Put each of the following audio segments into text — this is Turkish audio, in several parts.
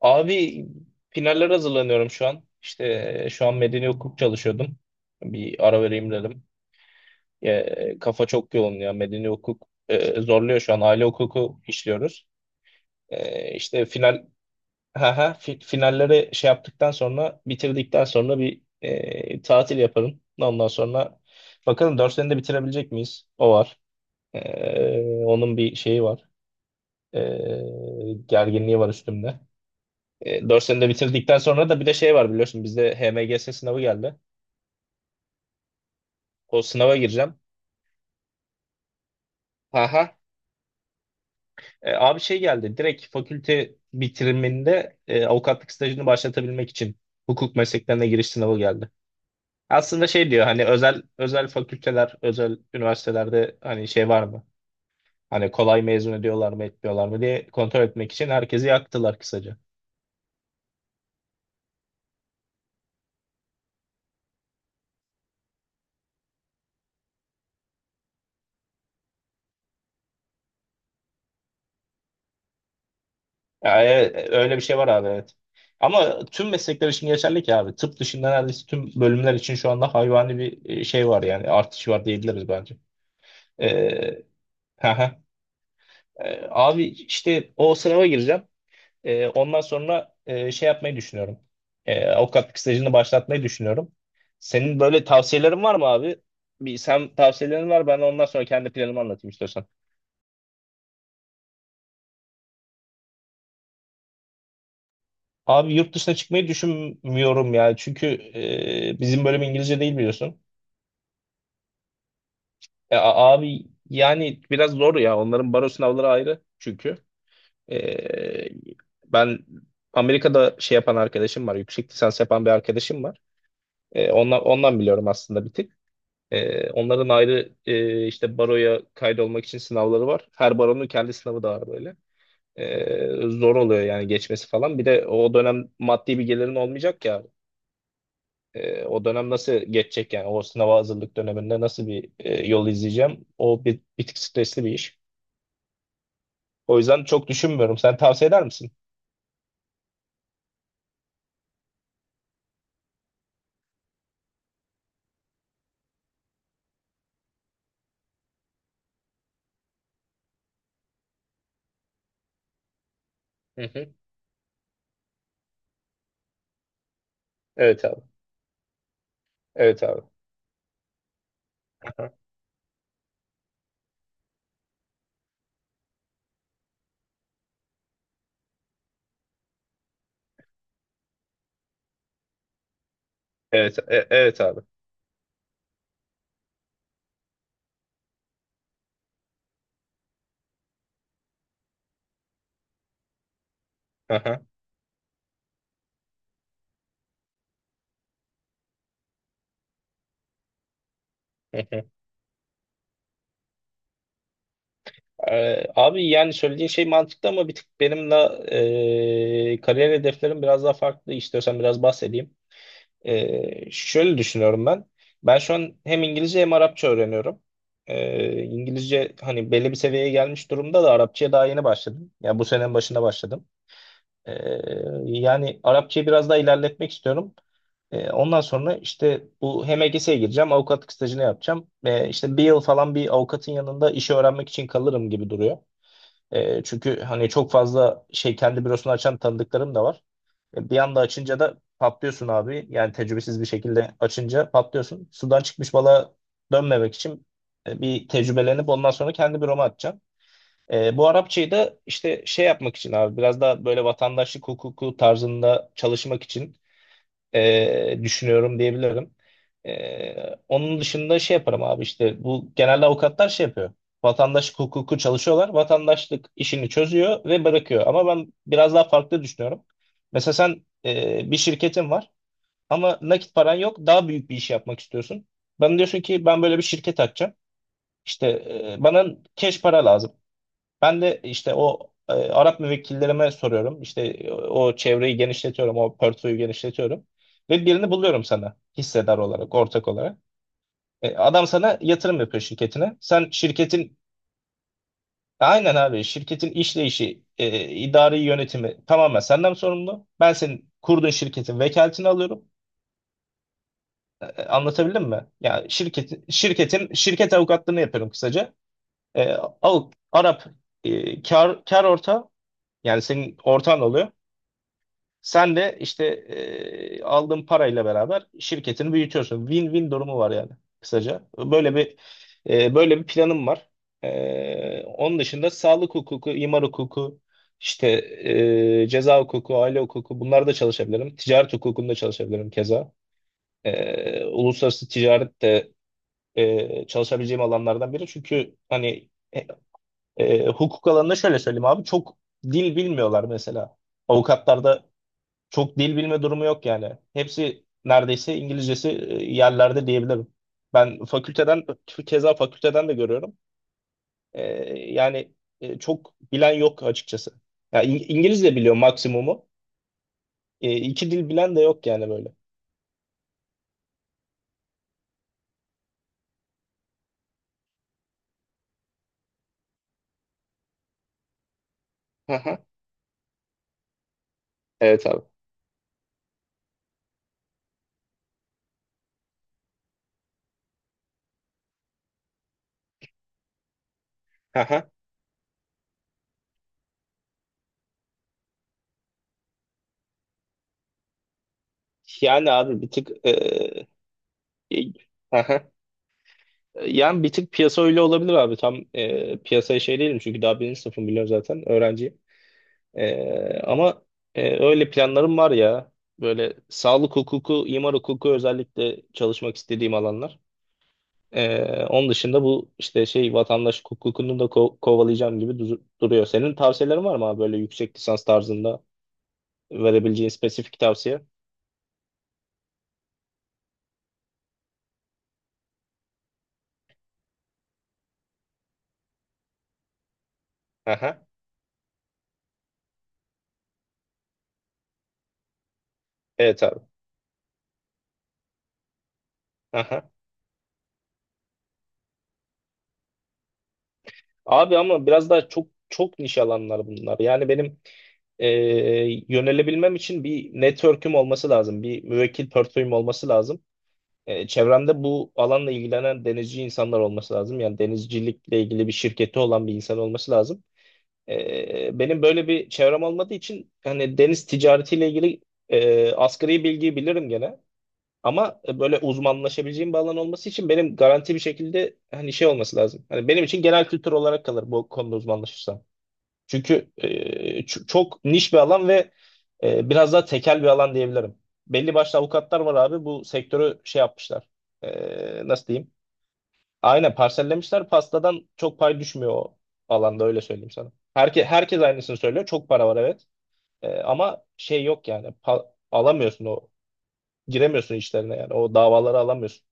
Abi finaller hazırlanıyorum şu an. İşte şu an medeni hukuk çalışıyordum. Bir ara vereyim dedim. Kafa çok yoğun ya. Medeni hukuk zorluyor şu an. Aile hukuku işliyoruz. E, işte final ha ha finalleri şey yaptıktan sonra bitirdikten sonra bir tatil yaparım. Ondan sonra bakalım 4 senede bitirebilecek miyiz? O var. Onun bir şeyi var. E, gerginliği var üstümde. 4 senede bitirdikten sonra da bir de şey var biliyorsun bizde HMGS sınavı geldi. O sınava gireceğim. Aha. Abi şey geldi direkt fakülte bitiriminde avukatlık stajını başlatabilmek için hukuk mesleklerine giriş sınavı geldi. Aslında şey diyor hani özel özel fakülteler, özel üniversitelerde hani şey var mı? Hani kolay mezun ediyorlar mı etmiyorlar mı diye kontrol etmek için herkesi yaktılar kısaca. Ya, öyle bir şey var abi, evet. Ama tüm meslekler için geçerli ki abi. Tıp dışında neredeyse tüm bölümler için şu anda hayvani bir şey var, yani artış var diyebiliriz bence. Ee, Haha. Abi işte o sınava gireceğim. Ondan sonra şey yapmayı düşünüyorum. Avukatlık stajını başlatmayı düşünüyorum. Senin böyle tavsiyelerin var mı abi? Bir, sen tavsiyelerin var, ben ondan sonra kendi planımı anlatayım, istiyorsan. Abi, yurt dışına çıkmayı düşünmüyorum ya. Çünkü bizim bölüm İngilizce değil, biliyorsun. Abi yani biraz zor ya. Onların baro sınavları ayrı çünkü. E, ben Amerika'da şey yapan arkadaşım var. Yüksek lisans yapan bir arkadaşım var. Ondan biliyorum aslında bir tık. Onların ayrı işte baroya kaydolmak için sınavları var. Her baronun kendi sınavı da var böyle. Zor oluyor yani geçmesi falan. Bir de o dönem maddi bir gelirin olmayacak ya. O dönem nasıl geçecek yani? O sınava hazırlık döneminde nasıl bir yol izleyeceğim? O bir tık stresli bir iş. O yüzden çok düşünmüyorum. Sen tavsiye eder misin? Hı hı. Evet abi. Evet abi. Aha. Evet, evet abi. Aha. Hı hı. Abi yani söylediğin şey mantıklı, ama bir tık benim de kariyer hedeflerim biraz daha farklı. İstiyorsan biraz bahsedeyim. Şöyle düşünüyorum ben. Ben şu an hem İngilizce hem Arapça öğreniyorum. İngilizce hani belli bir seviyeye gelmiş durumda da, Arapçaya daha yeni başladım. Yani bu senenin başında başladım. Ee, yani Arapçayı biraz daha ilerletmek istiyorum. Ondan sonra işte bu, hem HMGS'ye gireceğim, avukatlık stajını yapacağım. E, işte bir yıl falan bir avukatın yanında işi öğrenmek için kalırım gibi duruyor. Çünkü hani çok fazla şey, kendi bürosunu açan tanıdıklarım da var. Bir anda açınca da patlıyorsun abi. Yani tecrübesiz bir şekilde açınca patlıyorsun. Sudan çıkmış balığa dönmemek için bir tecrübelenip ondan sonra kendi büroma atacağım. Bu Arapçayı da işte şey yapmak için abi, biraz daha böyle vatandaşlık hukuku tarzında çalışmak için düşünüyorum diyebilirim. Onun dışında şey yaparım abi, işte bu genelde avukatlar şey yapıyor. Vatandaşlık hukuku çalışıyorlar. Vatandaşlık işini çözüyor ve bırakıyor. Ama ben biraz daha farklı düşünüyorum. Mesela sen bir şirketin var ama nakit paran yok. Daha büyük bir iş yapmak istiyorsun. Bana diyorsun ki, ben böyle bir şirket açacağım. İşte bana cash para lazım. Ben de işte o Arap müvekkillerime soruyorum. İşte o çevreyi genişletiyorum, o portföyü genişletiyorum. Ve birini buluyorum sana, hissedar olarak, ortak olarak. Adam sana yatırım yapıyor şirketine. Aynen abi, şirketin işleyişi, idari yönetimi tamamen senden sorumlu. Ben senin kurduğun şirketin vekaletini alıyorum. Anlatabildim mi? Yani şirket avukatlığını yapıyorum kısaca. E, Arap kar ortağı, yani senin ortağın oluyor. Sen de işte aldığın parayla beraber şirketini büyütüyorsun. Win-win durumu var yani kısaca. Böyle bir planım var. Onun dışında sağlık hukuku, imar hukuku, işte ceza hukuku, aile hukuku, bunlarda çalışabilirim. Ticaret hukukunda çalışabilirim keza. Uluslararası ticaret de çalışabileceğim alanlardan biri. Çünkü hani e, hukuk alanında şöyle söyleyeyim abi, çok dil bilmiyorlar mesela. Avukatlarda çok dil bilme durumu yok yani. Hepsi neredeyse, İngilizcesi yerlerde diyebilirim. Ben fakülteden, keza fakülteden de görüyorum. E, yani çok bilen yok açıkçası. Ya İngilizce biliyor maksimumu. E, iki dil bilen de yok yani böyle. Hı hı. Evet abi. Hı hı. Yani abi bir tık e, hı hı. Yani bir tık piyasa öyle olabilir abi. Tam piyasaya şey değilim, çünkü daha birinci sınıfım, biliyorum zaten öğrenci. Ama öyle planlarım var ya. Böyle sağlık hukuku, imar hukuku özellikle çalışmak istediğim alanlar. Onun dışında bu işte şey, vatandaş hukukunu da kovalayacağım gibi duruyor. Senin tavsiyelerin var mı abi böyle yüksek lisans tarzında verebileceğin spesifik tavsiye? Aha. Evet abi. Aha. Abi ama biraz daha çok çok niş alanlar bunlar. Yani benim e, yönelebilmem için bir network'üm olması lazım. Bir müvekkil portföyüm olması lazım. Çevremde bu alanla ilgilenen denizci insanlar olması lazım. Yani denizcilikle ilgili bir şirketi olan bir insan olması lazım. Benim böyle bir çevrem olmadığı için, hani deniz ticaretiyle ilgili asgari bilgiyi bilirim gene. Ama böyle uzmanlaşabileceğim bir alan olması için benim garanti bir şekilde hani şey olması lazım. Hani benim için genel kültür olarak kalır bu konuda uzmanlaşırsam. Çünkü çok niş bir alan ve biraz daha tekel bir alan diyebilirim. Belli başlı avukatlar var abi, bu sektörü şey yapmışlar. Nasıl diyeyim? Aynen, parsellemişler. Pastadan çok pay düşmüyor o alanda, öyle söyleyeyim sana. Herkes aynısını söylüyor. Çok para var, evet. Ama şey yok yani. Alamıyorsun o. Giremiyorsun işlerine yani. O davaları alamıyorsun.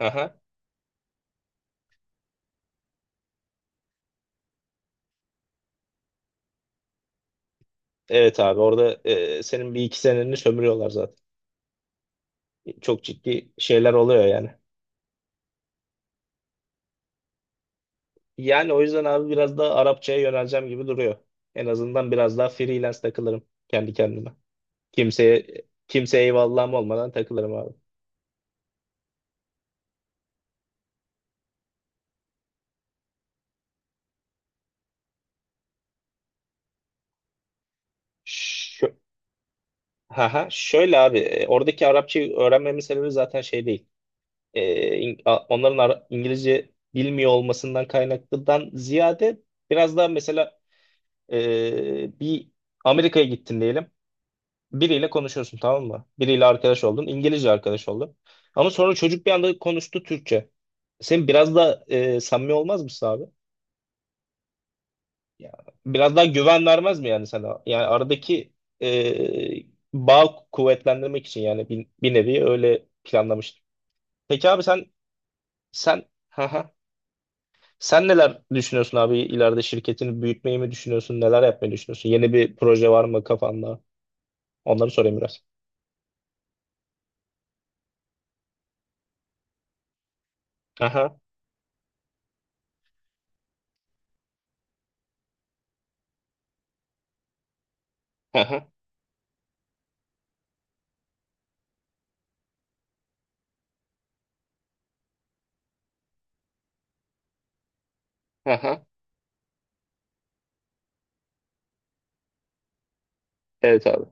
Aha. Evet abi, orada senin bir iki seneni sömürüyorlar zaten. Çok ciddi şeyler oluyor yani. Yani o yüzden abi biraz da Arapçaya yöneleceğim gibi duruyor. En azından biraz daha freelance takılırım kendi kendime. Kimseye kimseye eyvallahım olmadan takılırım abi. Şö Haha, şöyle abi, oradaki Arapçayı öğrenmemin sebebi zaten şey değil. İngilizce bilmiyor olmasından kaynaklıdan ziyade, biraz daha mesela bir Amerika'ya gittin diyelim. Biriyle konuşuyorsun, tamam mı? Biriyle arkadaş oldun. İngilizce arkadaş oldun. Ama sonra çocuk bir anda konuştu Türkçe. Sen biraz da samimi olmaz mısın abi? Ya, biraz daha güven vermez mi yani sana? Yani aradaki e, bağ kuvvetlendirmek için yani bir nevi öyle planlamıştım. Peki abi sen haha. Sen neler düşünüyorsun abi, ileride şirketini büyütmeyi mi düşünüyorsun? Neler yapmayı düşünüyorsun? Yeni bir proje var mı kafanda? Onları sorayım biraz. Aha, aha, aha. Evet abi.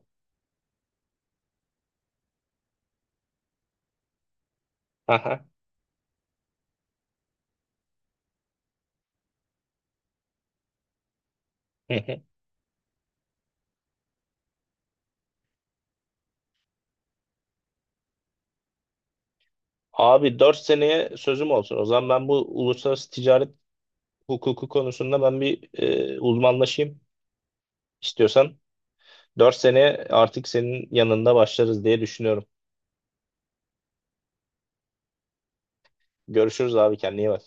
Aha. Hı hı. Abi, 4 seneye sözüm olsun. O zaman ben bu uluslararası ticaret hukuku konusunda ben bir uzmanlaşayım, istiyorsan. Dört seneye artık senin yanında başlarız diye düşünüyorum. Görüşürüz abi, kendine iyi bak.